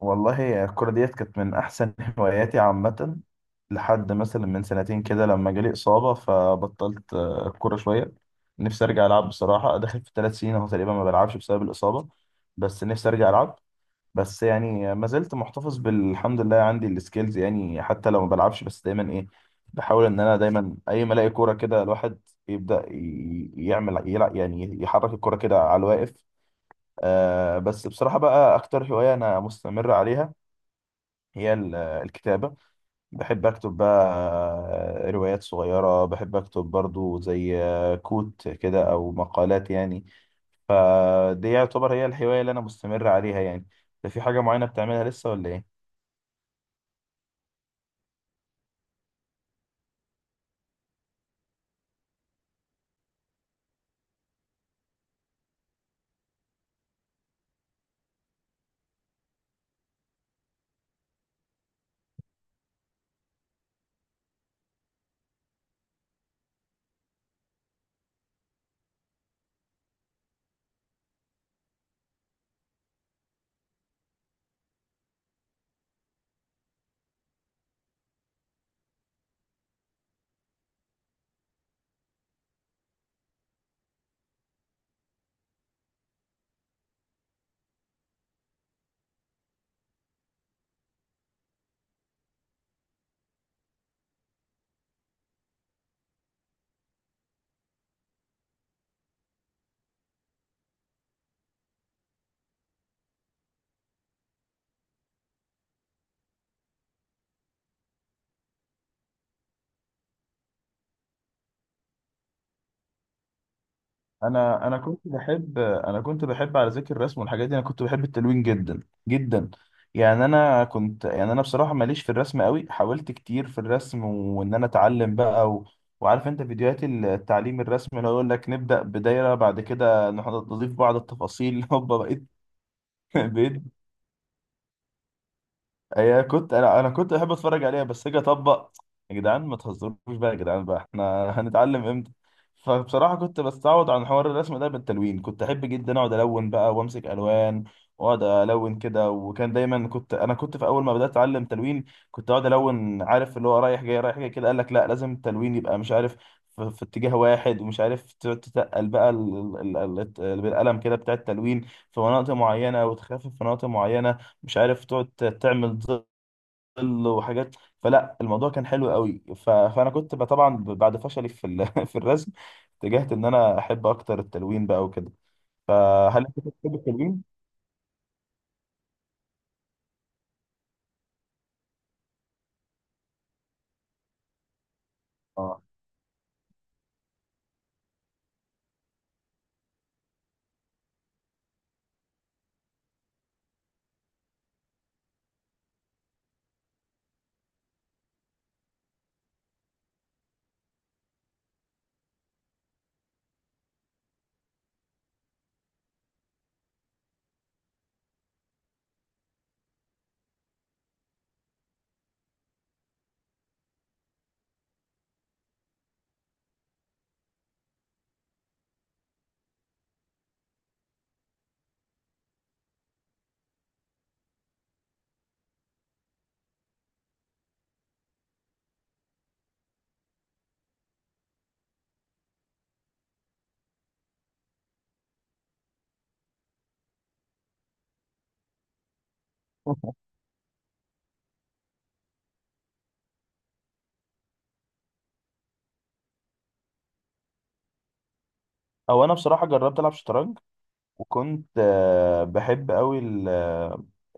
والله الكرة ديت كانت من أحسن هواياتي عامة. لحد مثلا من سنتين كده لما جالي إصابة فبطلت الكرة شوية. نفسي أرجع ألعب بصراحة، داخل في 3 سنين أهو تقريبا ما بلعبش بسبب الإصابة. بس نفسي أرجع ألعب. بس يعني ما زلت محتفظ بالحمد لله عندي السكيلز، يعني حتى لو ما بلعبش بس دايما إيه، بحاول إن أنا دايما أي ما ألاقي كورة كده الواحد يبدأ يعمل يلعب، يعني يحرك الكورة كده على الواقف. آه، بس بصراحة بقى أكتر هواية أنا مستمر عليها هي الكتابة. بحب أكتب بقى. روايات صغيرة بحب أكتب برضو، زي كوت كده أو مقالات يعني. فدي يعتبر هي الهواية اللي أنا مستمر عليها يعني. ده في حاجة معينة بتعملها لسه ولا إيه؟ انا كنت بحب، على ذكر الرسم والحاجات دي، انا كنت بحب التلوين جدا جدا. يعني انا كنت يعني انا بصراحه ماليش في الرسم قوي، حاولت كتير في الرسم وان انا اتعلم بقى وعارف انت فيديوهات التعليم الرسم، اللي هو يقول لك نبدا بدايره، بعد كده نضيف بعض التفاصيل هوبا بقيت. بقيت. هي كنت انا كنت بحب اتفرج عليها بس اجي اطبق. يا جدعان ما تهزروش بقى، يا جدعان بقى احنا هنتعلم امتى؟ فبصراحه كنت بستعوض عن حوار الرسم ده بالتلوين. كنت احب جدا اقعد الون بقى وامسك الوان واقعد الون كده. وكان دايما انا كنت في اول ما بدات اتعلم تلوين، كنت اقعد الون، عارف اللي هو رايح جاي رايح جاي كده، قال لك لا لازم التلوين يبقى مش عارف في اتجاه واحد، ومش عارف تقعد تتقل بقى بالقلم كده بتاع التلوين في مناطق معينه، وتخفف في مناطق معينه، مش عارف تقعد تعمل ظل وحاجات. فلا الموضوع كان حلو قوي. فانا كنت طبعا بعد فشلي في الرسم اتجهت ان انا احب اكتر التلوين بقى وكده. فهل انت كنت بتحب التلوين؟ اه. او انا بصراحه جربت العب شطرنج، وكنت بحب قوي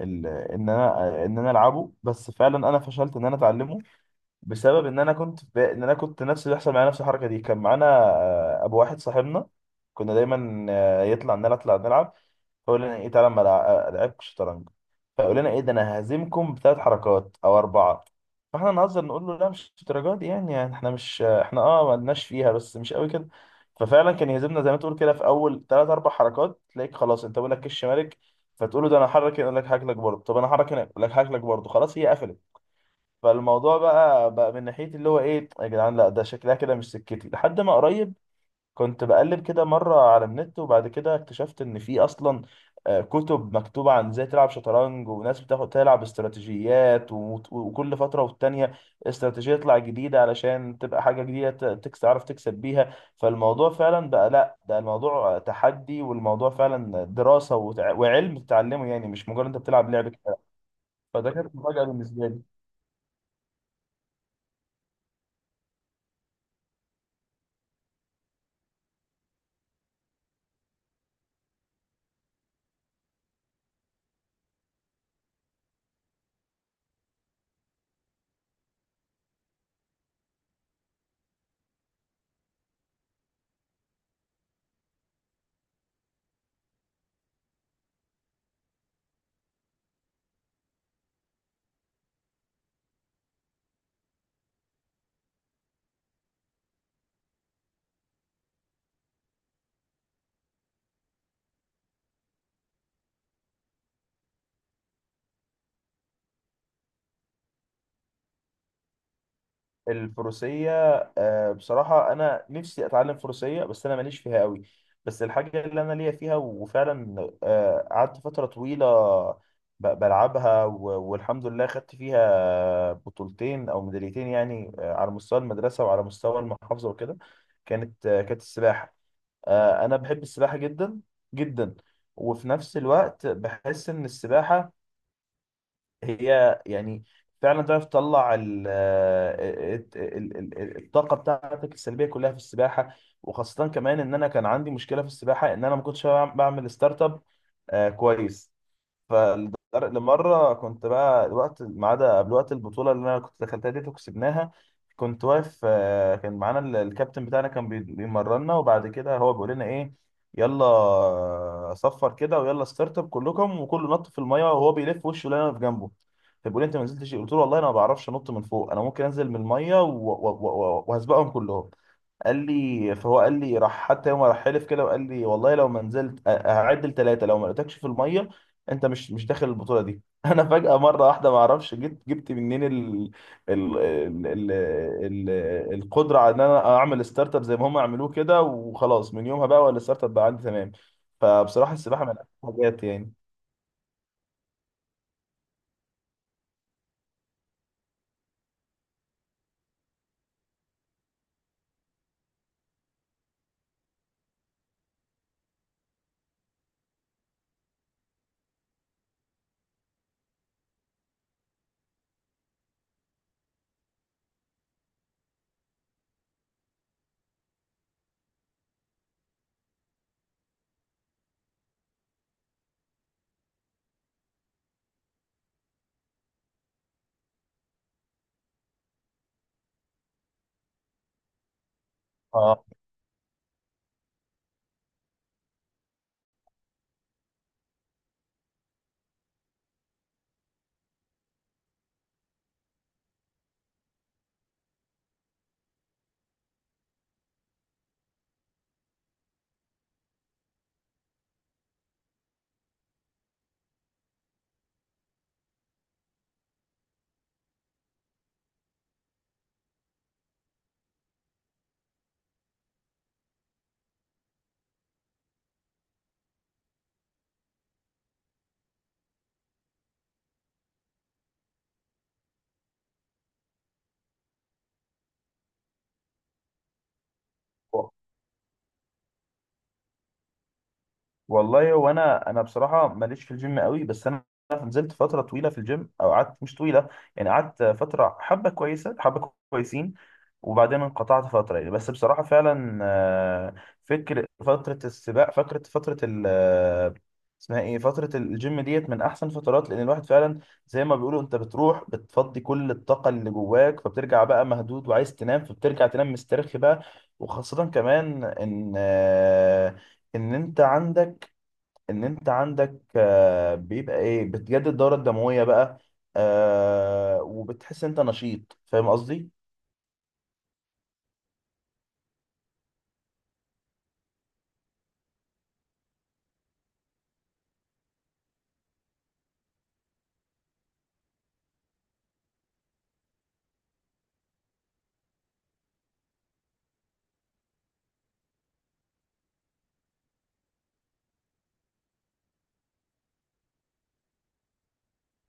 ان انا العبه، بس فعلا انا فشلت ان انا اتعلمه بسبب ان انا كنت نفس اللي بيحصل معايا، نفس الحركه دي، كان معانا ابو واحد صاحبنا، كنا دايما يطلع نلعب نلعب نلعب، فقول لنا ايه، تعالى ما لعبكش شطرنج؟ فقول لنا ايه ده، انا ههزمكم ب3 حركات او 4. فاحنا نهزر نقول له لا مش الدرجه دي، يعني, احنا مش احنا ما لناش فيها بس مش قوي كده. ففعلا كان يهزمنا زي ما تقول كده في اول ثلاث اربع حركات، تلاقيك خلاص انت بقول لك كش مالك، فتقول له ده انا هحرك هنا، يقول لك هاكلك برضه، طب انا هحرك هنا، يقول لك هاكلك برضه، خلاص هي قفلت. فالموضوع بقى من ناحيه اللي هو ايه، يا جدعان، لا ده شكلها كده مش سكتي لحد ما قريب. كنت بقلب كده مرة على النت، وبعد كده اكتشفت إن في أصلا كتب مكتوبة عن إزاي تلعب شطرنج، وناس بتاخد تلعب استراتيجيات، وكل فترة والتانية استراتيجية تطلع جديدة علشان تبقى حاجة جديدة ت- تكس تعرف تكسب بيها. فالموضوع فعلا بقى لأ، ده الموضوع تحدي، والموضوع فعلا دراسة، وعلم تتعلمه، يعني مش مجرد أنت بتلعب لعبة كده. فده كانت مفاجأة بالنسبة لي. الفروسية. بصراحة أنا نفسي أتعلم فروسية، بس أنا ماليش فيها قوي. بس الحاجة اللي أنا ليا فيها وفعلا قعدت فترة طويلة بلعبها والحمد لله خدت فيها بطولتين أو ميداليتين، يعني على مستوى المدرسة وعلى مستوى المحافظة وكده، كانت السباحة. أنا بحب السباحة جدا جدا. وفي نفس الوقت بحس إن السباحة هي يعني فعلا تعرف تطلع الطاقه بتاعتك السلبيه كلها في السباحه. وخاصه كمان ان انا كان عندي مشكله في السباحه، ان انا ما كنتش بعمل ستارت اب. كويس. فلمرة كنت بقى الوقت ما عدا قبل وقت البطولة اللي أنا كنت دخلتها دي وكسبناها، كنت واقف كان معانا الكابتن بتاعنا كان بيمرنا، وبعد كده هو بيقول لنا إيه: يلا 0 كده، ويلا ستارت اب كلكم، وكله نط في المية، وهو بيلف وشه لنا في جنبه. فبيقول لي: انت ما نزلتش ليه؟ قلت له: والله انا ما بعرفش انط من فوق، انا ممكن انزل من الميه وهسبقهم كلهم. قال لي، فهو قال لي راح حتى يوم راح حلف كده، وقال لي: والله لو ما نزلت هعد ل3، لو ما لقيتكش في الميه انت مش داخل البطوله دي. انا فجاه مره واحده ما اعرفش جبت منين ال ال ال ال ال القدره على ان انا اعمل ستارت اب زي ما هم عملوه كده. وخلاص من يومها بقى ولا الستارت اب بقى عندي تمام. فبصراحه السباحه من أحسن الحاجات يعني. اه. والله هو انا بصراحه ماليش في الجيم قوي، بس انا نزلت فتره طويله في الجيم، او قعدت مش طويله، يعني قعدت فتره حبه كويسه حبه كويسين، وبعدين انقطعت فتره يعني. بس بصراحه فعلا فكر فتره السباق فكره فتره ال آه، اسمها ايه، فتره الجيم ديت من احسن فترات، لان الواحد فعلا زي ما بيقولوا انت بتروح بتفضي كل الطاقه اللي جواك، فبترجع بقى مهدود وعايز تنام، فبترجع تنام مسترخي بقى. وخاصه كمان ان انت عندك ان انت عندك بيبقى ايه، بتجدد الدورة الدموية بقى. وبتحس انت نشيط، فاهم قصدي؟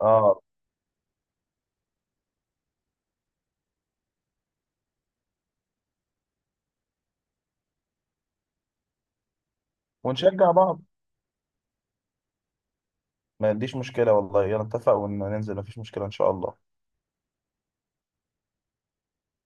اه. ونشجع بعض. ما عنديش مشكلة والله، يلا نتفق وننزل، مفيش مشكلة ان شاء الله.